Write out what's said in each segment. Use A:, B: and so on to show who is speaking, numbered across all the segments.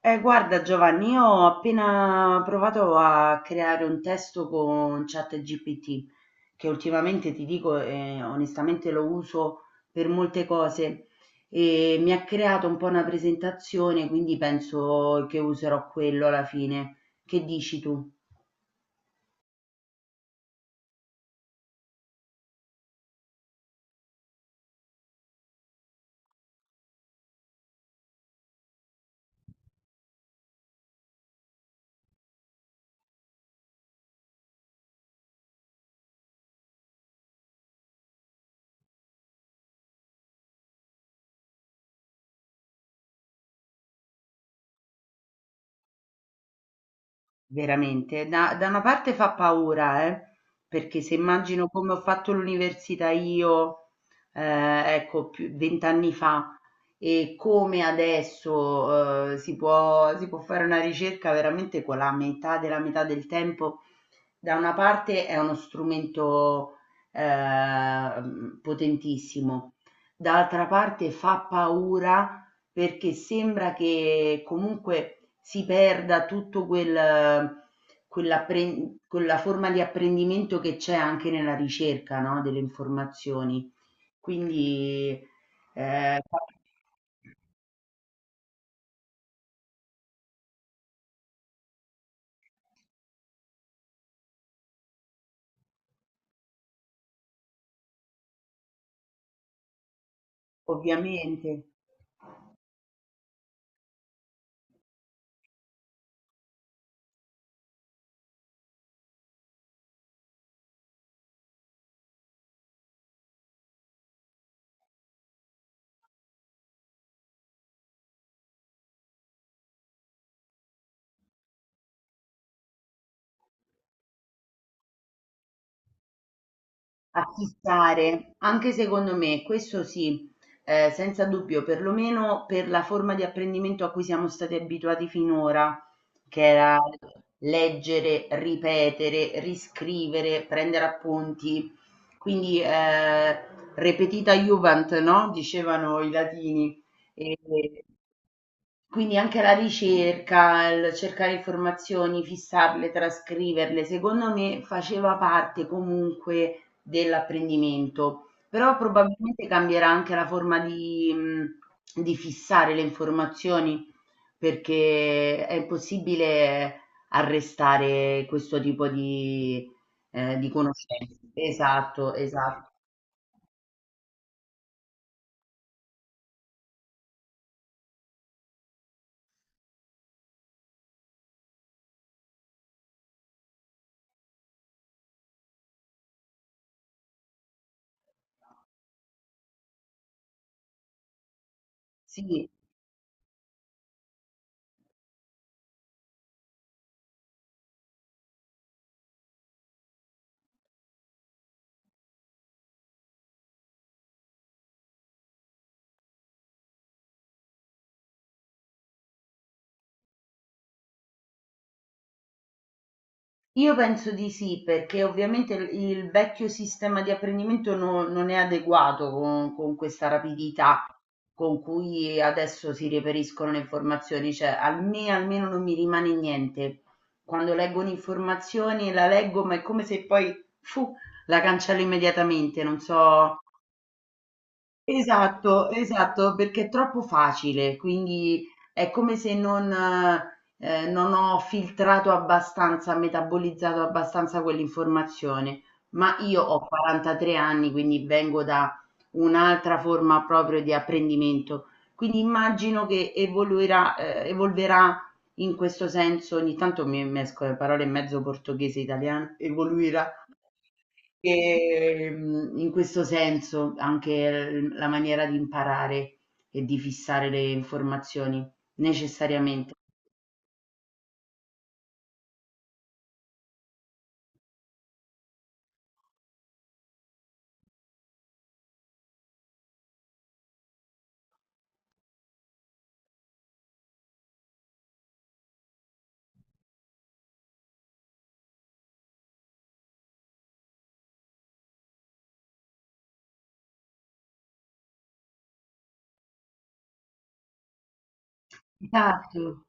A: Guarda Giovanni, io ho appena provato a creare un testo con ChatGPT, che ultimamente ti dico, onestamente lo uso per molte cose e mi ha creato un po' una presentazione, quindi penso che userò quello alla fine. Che dici tu? Veramente, da una parte fa paura, perché se immagino come ho fatto l'università io, ecco, più 20 anni fa, e come adesso, si può fare una ricerca veramente con la metà della metà del tempo. Da una parte è uno strumento potentissimo, dall'altra parte fa paura perché sembra che comunque si perda tutto quella forma di apprendimento che c'è anche nella ricerca, no, delle informazioni. Quindi, ehm, ovviamente. Affittare, anche secondo me, questo sì, senza dubbio, perlomeno per la forma di apprendimento a cui siamo stati abituati finora, che era leggere, ripetere, riscrivere, prendere appunti. Quindi repetita iuvant, no? Dicevano i latini. E- quindi anche la ricerca, il cercare informazioni, fissarle, trascriverle, secondo me faceva parte comunque dell'apprendimento, però probabilmente cambierà anche la forma di fissare le informazioni, perché è impossibile arrestare questo tipo di conoscenze. Esatto, esatto. Sì, io penso di sì, perché ovviamente il vecchio sistema di apprendimento non è adeguato con questa rapidità con cui adesso si reperiscono le informazioni, cioè a me almeno non mi rimane niente. Quando leggo un'informazione la leggo, ma è come se poi fu, la cancello immediatamente, non so. Esatto, esatto, perché è troppo facile, quindi è come se non, non ho filtrato abbastanza, metabolizzato abbastanza quell'informazione. Ma io ho 43 anni, quindi vengo da un'altra forma proprio di apprendimento. Quindi immagino che evoluirà, evolverà in questo senso. Ogni tanto mi mescolo le parole in mezzo, portoghese e italiano, evoluirà. In questo senso anche l la maniera di imparare e di fissare le informazioni necessariamente. Esatto.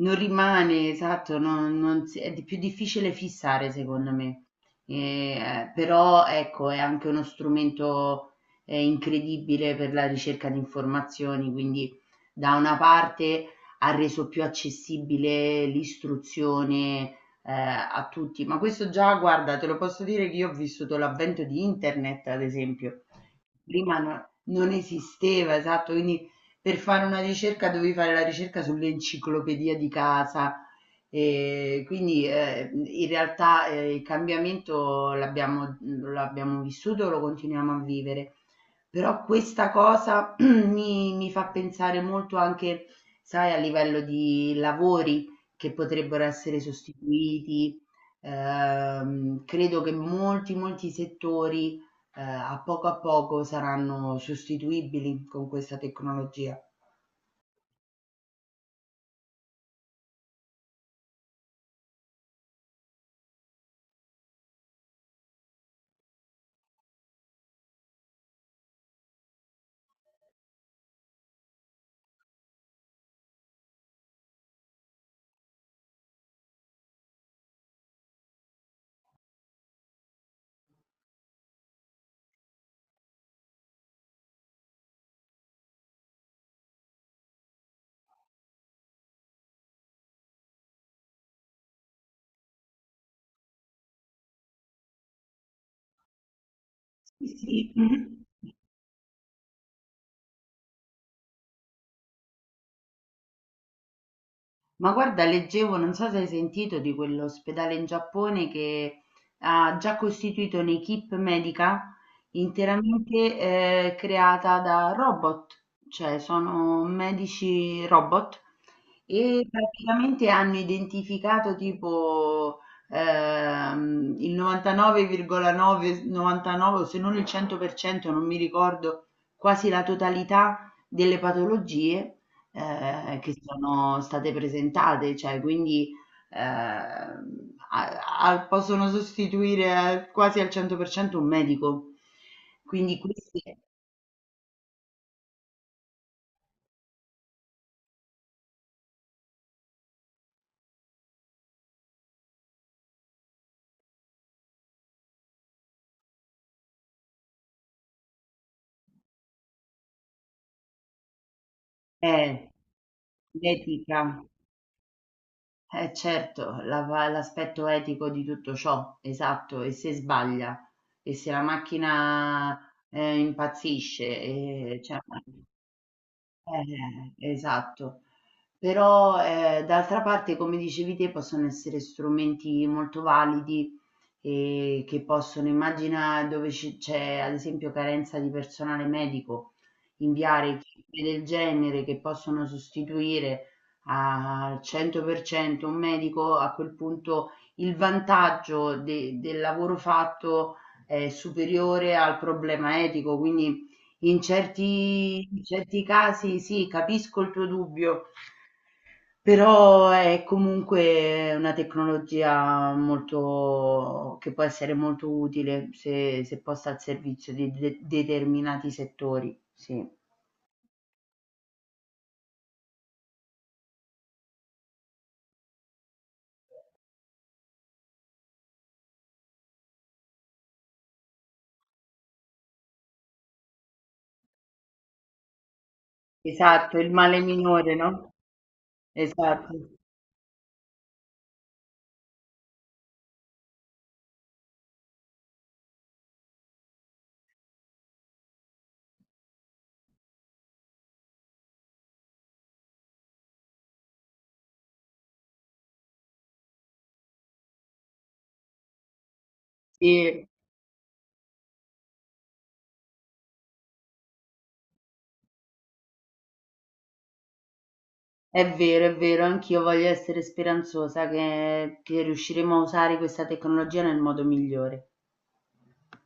A: Non rimane, esatto, non si è di più difficile fissare secondo me. Però ecco, è anche uno strumento, incredibile per la ricerca di informazioni, quindi da una parte ha reso più accessibile l'istruzione, ehm, a tutti, ma questo già guarda, te lo posso dire che io ho vissuto l'avvento di internet ad esempio. Prima non esisteva, esatto, quindi per fare una ricerca dovevi fare la ricerca sull'enciclopedia di casa, in realtà, il cambiamento l'abbiamo l'abbiamo vissuto, lo continuiamo a vivere. Però questa cosa mi fa pensare molto anche, sai, a livello di lavori che potrebbero essere sostituiti. Credo che molti settori, a poco saranno sostituibili con questa tecnologia. Sì. Mh-mh. Ma guarda leggevo, non so se hai sentito di quell'ospedale in Giappone che ha già costituito un'équipe medica interamente, creata da robot, cioè sono medici robot e praticamente hanno identificato tipo, il 99,9 s 99 o se non il 100%, non mi ricordo, quasi la totalità delle patologie che sono state presentate, cioè quindi, ehm, a a possono sostituire al quasi al 100% un medico. Quindi questi è l'etica, eh certo, la va l'aspetto etico di tutto ciò, esatto, e se sbaglia, e se la macchina, impazzisce, e cioè. Esatto. Però, d'altra parte, come dicevi te, possono essere strumenti molto validi, che possono, immagina dove ci c'è, ad esempio, carenza di personale medico, inviare equipe del genere che possono sostituire al 100% un medico, a quel punto il vantaggio de del lavoro fatto è superiore al problema etico, quindi in certi casi sì, capisco il tuo dubbio, però è comunque una tecnologia molto, che può essere molto utile se, se posta al servizio di determinati settori. Sì. Esatto, il male minore, no? Esatto. Sì, è vero, anch'io voglio essere speranzosa che riusciremo a usare questa tecnologia nel modo migliore.